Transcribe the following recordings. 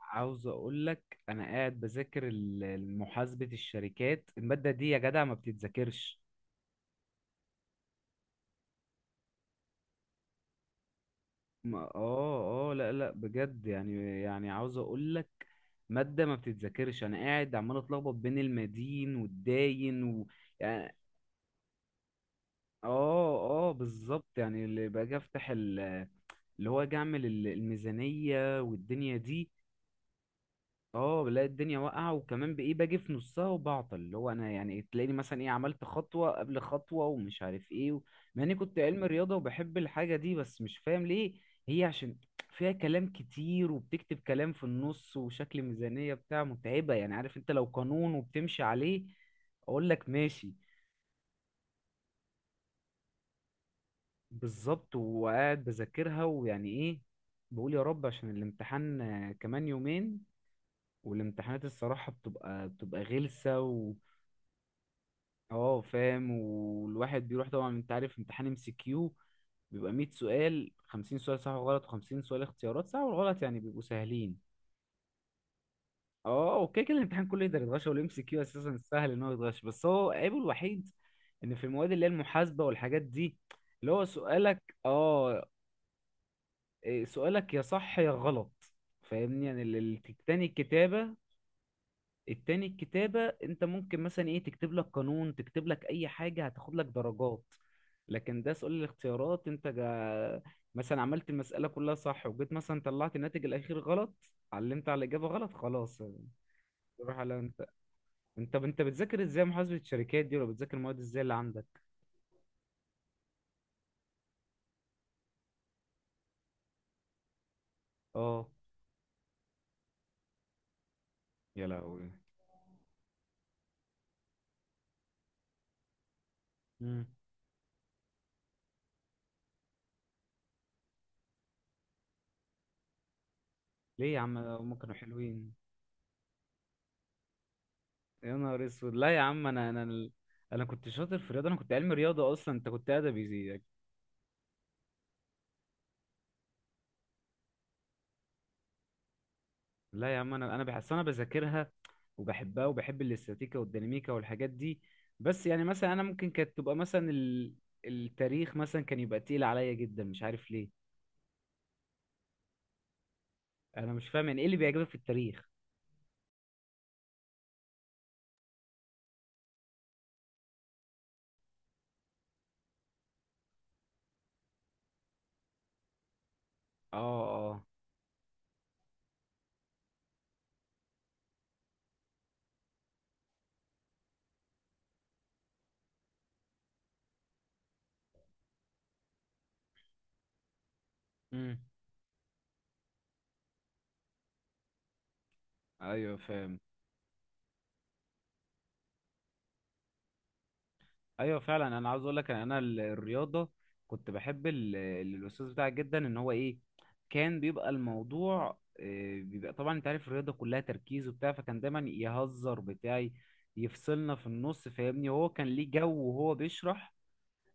عاوز اقول لك انا قاعد بذاكر محاسبة الشركات، المادة دي يا جدع ما بتتذاكرش. ما اه اه لا، لا، بجد. يعني عاوز اقول لك مادة ما بتتذاكرش. انا قاعد عمال اتلخبط بين المدين والداين و... يعني. اه بالظبط. يعني اللي باجي افتح اللي هو اجي اعمل الميزانية والدنيا دي. اه، بلاقي الدنيا واقعة، وكمان بإيه باجي في نصها وبعطل اللي هو أنا، يعني تلاقيني مثلا إيه عملت خطوة قبل خطوة ومش عارف إيه و... مع إني كنت علم رياضة وبحب الحاجة دي بس مش فاهم ليه. هي عشان فيها كلام كتير وبتكتب كلام في النص وشكل ميزانية بتاع متعبة، يعني عارف أنت لو قانون وبتمشي عليه أقول لك ماشي. بالظبط، وقاعد بذاكرها ويعني إيه. بقول يا رب عشان الامتحان، كمان يومين. والامتحانات الصراحة بتبقى غلسة. اه فاهم. والواحد بيروح، طبعا انت عارف امتحان ام سي كيو بيبقى 100 سؤال، 50 سؤال صح وغلط و50 سؤال اختيارات صح وغلط، يعني بيبقوا سهلين. اه، اوكي، كده الامتحان كله يقدر يتغش، والام سي كيو اساسا سهل ان هو يتغش، بس هو عيبه الوحيد ان في المواد اللي هي المحاسبة والحاجات دي، اللي هو سؤالك إيه، سؤالك يا صح يا غلط. فاهمني، يعني التاني الكتابة. التاني الكتابة انت ممكن مثلا ايه تكتب لك قانون، تكتب لك اي حاجة هتاخد لك درجات. لكن ده سؤال الاختيارات انت مثلا عملت المسألة كلها صح، وجيت مثلا طلعت الناتج الأخير غلط، علمت على الإجابة غلط، خلاص. روح على انت. انت بتذاكر ازاي محاسبة الشركات دي، ولا بتذاكر المواد ازاي اللي عندك؟ اه يا لهوي. مم. ليه يا عم؟ هم كانوا حلوين. يا نهار اسود، لا يا عم، انا انا كنت شاطر في الرياضة. انا كنت علمي رياضة اصلا، انت كنت ادبي. لا يا عم، انا بحس انا بذاكرها وبحبها، وبحب الاستاتيكا والديناميكا والحاجات دي. بس يعني مثلا انا ممكن كانت تبقى مثلا التاريخ مثلا كان يبقى تقيل عليا جدا، مش عارف ليه. انا مش فاهم يعني ايه اللي بيعجبك في التاريخ. اه. اه. امم. ايوه فاهم. ايوه فعلا. انا عاوز اقول لك ان انا الرياضه كنت بحب الاستاذ بتاعك جدا، ان هو ايه كان بيبقى الموضوع، بيبقى طبعا انت عارف الرياضه كلها تركيز وبتاع، فكان دايما يهزر بتاعي يفصلنا في النص، فاهمني، وهو كان ليه جو وهو بيشرح.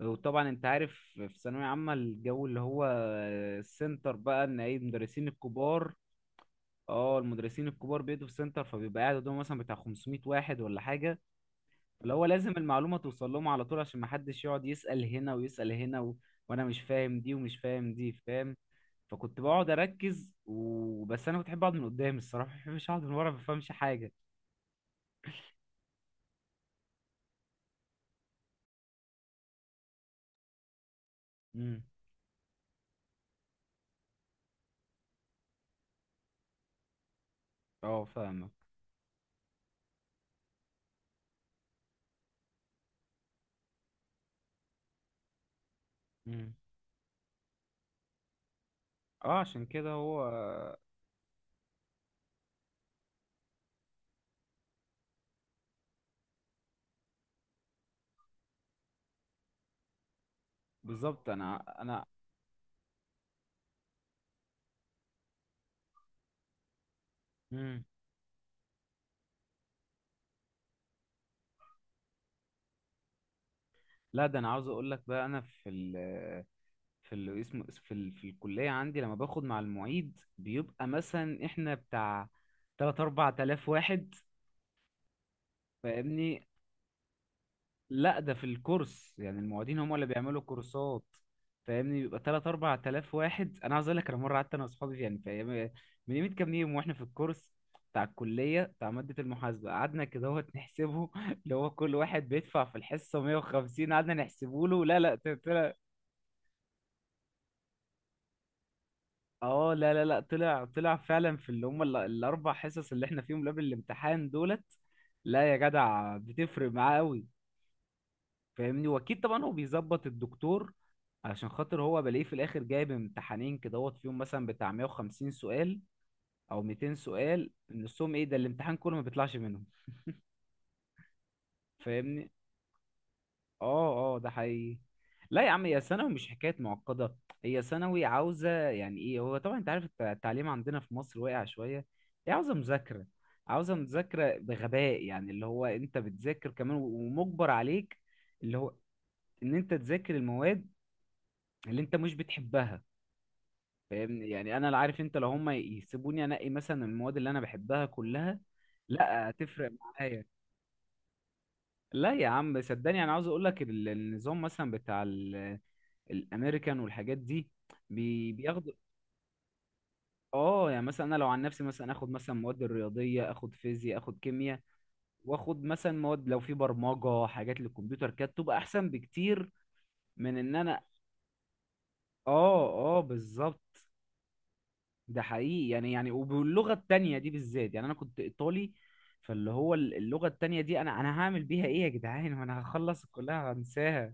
وطبعا انت عارف في ثانويه عامه الجو اللي هو السنتر بقى ان ايه المدرسين الكبار. اه، المدرسين الكبار بيدوا في سنتر، فبيبقى قاعد قدامه مثلا بتاع 500 واحد ولا حاجه، اللي هو لازم المعلومة توصل لهم على طول عشان محدش يقعد يسأل هنا ويسأل هنا و... وانا مش فاهم دي ومش فاهم دي، فاهم. فكنت بقعد اركز وبس، انا كنت بحب اقعد من قدام الصراحة، ما بحبش اقعد من ورا ما بفهمش حاجة. امم. اه فاهمك. امم. اه عشان كده هو. بالظبط. انا امم. لا، ده انا عاوز اقول لك بقى، انا في ال، في اللي اسمه في في الكلية عندي لما باخد مع المعيد بيبقى مثلا احنا بتاع 3 4000 واحد. فاهمني؟ لا، ده في الكورس يعني، المعيدين هم اللي بيعملوا كورسات. فاهمني، بيبقى 3 4000 واحد. انا عاوز اقول لك انا مره قعدت انا واصحابي يعني في من يومين كام يوم واحنا في الكورس بتاع الكليه بتاع ماده المحاسبه، قعدنا كده اهوت نحسبه. اللي هو كل واحد بيدفع في الحصه 150، قعدنا نحسبه له. لا، لا، طلع. اه، لا طلع فعلا في اللي هم الاربع حصص اللي احنا فيهم قبل الامتحان دولت. لا يا جدع بتفرق معاه قوي، فاهمني، واكيد طبعا هو بيظبط الدكتور علشان خاطر هو بلاقيه في الاخر جايب امتحانين كدهوت، فيهم مثلا بتاع 150 سؤال او 200 سؤال، نصهم ايه ده الامتحان كله ما بيطلعش منهم. فاهمني. اه ده حقيقي. لا يا عم هي ثانوي مش حكايه معقده. هي ثانوي عاوزه يعني ايه، هو طبعا انت عارف التعليم عندنا في مصر واقع شويه. هي عاوزه مذاكره، عاوزه مذاكره بغباء، يعني اللي هو انت بتذاكر كمان ومجبر عليك، اللي هو ان انت تذاكر المواد اللي انت مش بتحبها. فاهمني، يعني انا لا عارف، انت لو هم يسيبوني انقي مثلا المواد اللي انا بحبها كلها. لا هتفرق معايا. لا يا عم صدقني، انا عاوز اقول لك النظام مثلا بتاع الامريكان والحاجات دي بياخدوا اه، يعني مثلا انا لو عن نفسي مثلا اخد مثلا مواد الرياضيه، اخد فيزياء، اخد كيمياء، واخد مثلا مواد لو في برمجه حاجات للكمبيوتر، كانت تبقى احسن بكتير من ان انا. اه. اه بالظبط. ده حقيقي. يعني وباللغة التانية دي بالذات، يعني أنا كنت إيطالي، فاللي هو اللغة التانية دي أنا هعمل بيها إيه يا جدعان، وأنا هخلص الكلية هنساها.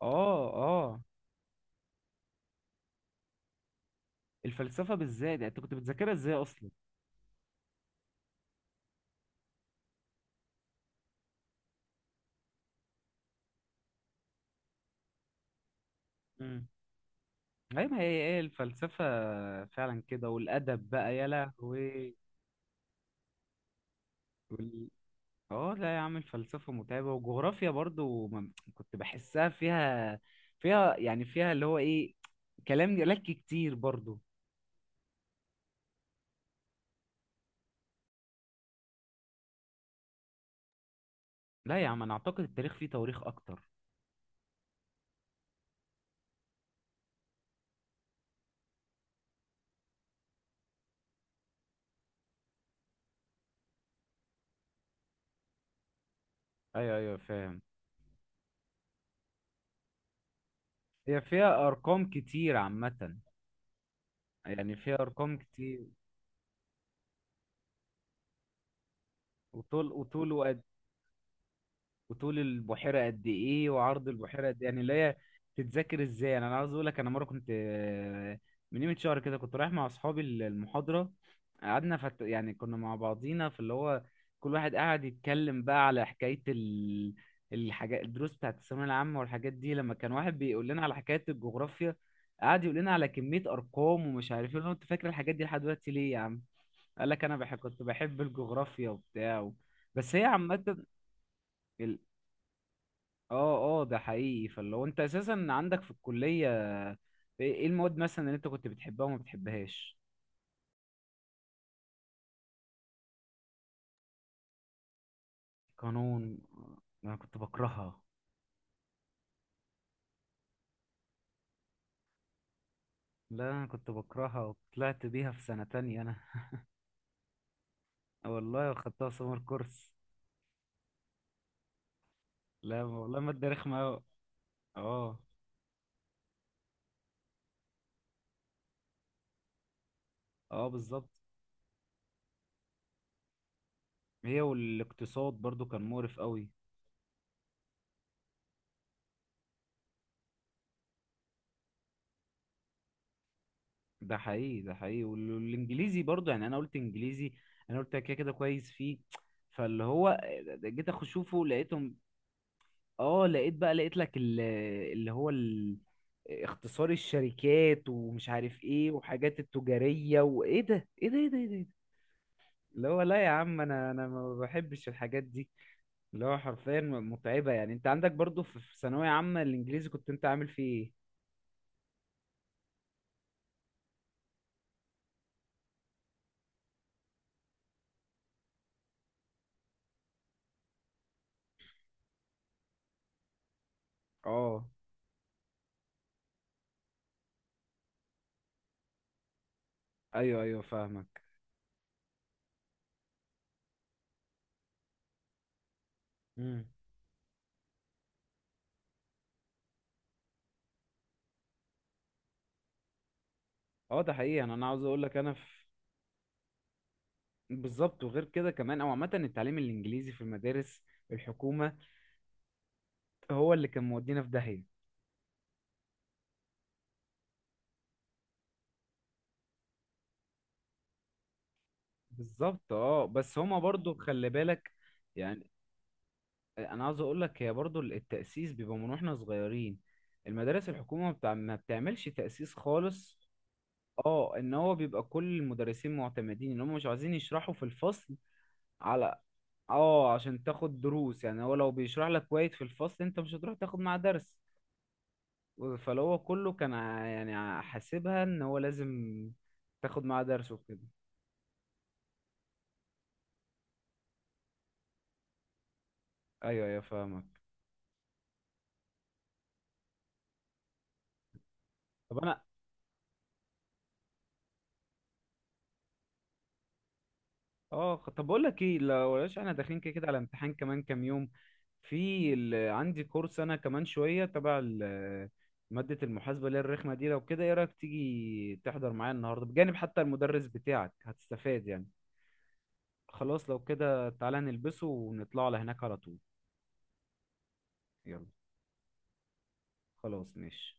آه. آه. الفلسفة بالذات، يعني أنت كنت بتذاكرها إزاي أصلا؟ امم. أيوة، ما هي إيه الفلسفة. فعلا كده، والأدب بقى يا لهوي. وال... آه لا يا عم الفلسفة متعبة، وجغرافيا برضو كنت بحسها فيها، فيها يعني فيها اللي هو إيه، كلام جلاكي كتير برضو. لا يا عم انا اعتقد التاريخ فيه تواريخ اكتر. ايوه فاهم. هي فيها ارقام كتير عامة. يعني فيها ارقام كتير، وطول وطول وقد، وطول البحيرة قد ايه وعرض البحيرة قد إيه. يعني اللي هي تتذاكر ازاي؟ يعني انا عاوز اقول لك انا مرة كنت، من قيمة شهر كده كنت رايح مع اصحابي المحاضرة، قعدنا يعني كنا مع بعضينا في اللي هو كل واحد قاعد يتكلم بقى على حكاية الحاجات الدروس بتاعت الثانوية العامة والحاجات دي، لما كان واحد بيقول لنا على حكاية الجغرافيا قعد يقول لنا على كمية أرقام ومش عارف ايه. انت فاكر الحاجات دي لحد دلوقتي ليه يا عم؟ قال لك أنا كنت بحب الجغرافيا وبتاع و... بس هي عامة. ال- اه ده حقيقي. فاللي هو انت اساسا عندك في الكلية ايه، إيه المواد مثلا اللي انت كنت بتحبها وما بتحبهاش؟ قانون، انا كنت بكرهها. لا انا كنت بكرهها، وطلعت بيها في سنة تانية انا. والله خدتها سمر كورس. لا والله مادة رخمة أوي. اه اه بالظبط. هي والاقتصاد برضو كان مقرف قوي. ده حقيقي. والانجليزي برضو يعني، انا قلت انجليزي، انا قلت كده كده كويس فيه، فاللي هو جيت اخش اشوفه لقيته. اه لقيت بقى، لقيت لك اللي هو ال- اختصار الشركات ومش عارف ايه، وحاجات التجارية، وايه ده، ايه ده، ايه ده، ايه ده، إيه ده؟ اللي هو لا يا عم انا ما بحبش الحاجات دي، اللي هو حرفيا متعبة. يعني انت عندك برضو في في ثانوية عامة الانجليزي كنت انت عامل فيه ايه؟ اه. ايوه فاهمك. امم. اه ده حقيقي. انا عاوز اقول لك انا في. بالظبط، وغير كده كمان او عامة التعليم الانجليزي في المدارس الحكومة هو اللي كان مودينا في داهية. بالظبط اه، بس هما برضو خلي بالك، يعني انا عاوز اقول لك هي برضو التأسيس بيبقى من واحنا صغيرين، المدارس الحكومة ما بتعملش تأسيس خالص. اه ان هو بيبقى كل المدرسين معتمدين ان هم مش عايزين يشرحوا في الفصل على، اه، عشان تاخد دروس، يعني هو لو بيشرح لك كويس في الفصل انت مش هتروح تاخد معاه درس. فلو هو كله كان يعني حاسبها ان هو لازم تاخد معاه درس وكده. ايوه فاهمك. طب انا. اه طب بقول لك ايه، لو بلاش احنا داخلين كده كده على امتحان كمان كام يوم. في عندي كورس انا كمان شويه تبع ماده المحاسبه اللي هي الرخمه دي، لو كده ايه رايك تيجي تحضر معايا النهارده بجانب، حتى المدرس بتاعك هتستفاد يعني. خلاص لو كده تعالى نلبسه ونطلع على هناك على طول. يلا. خلاص ماشي.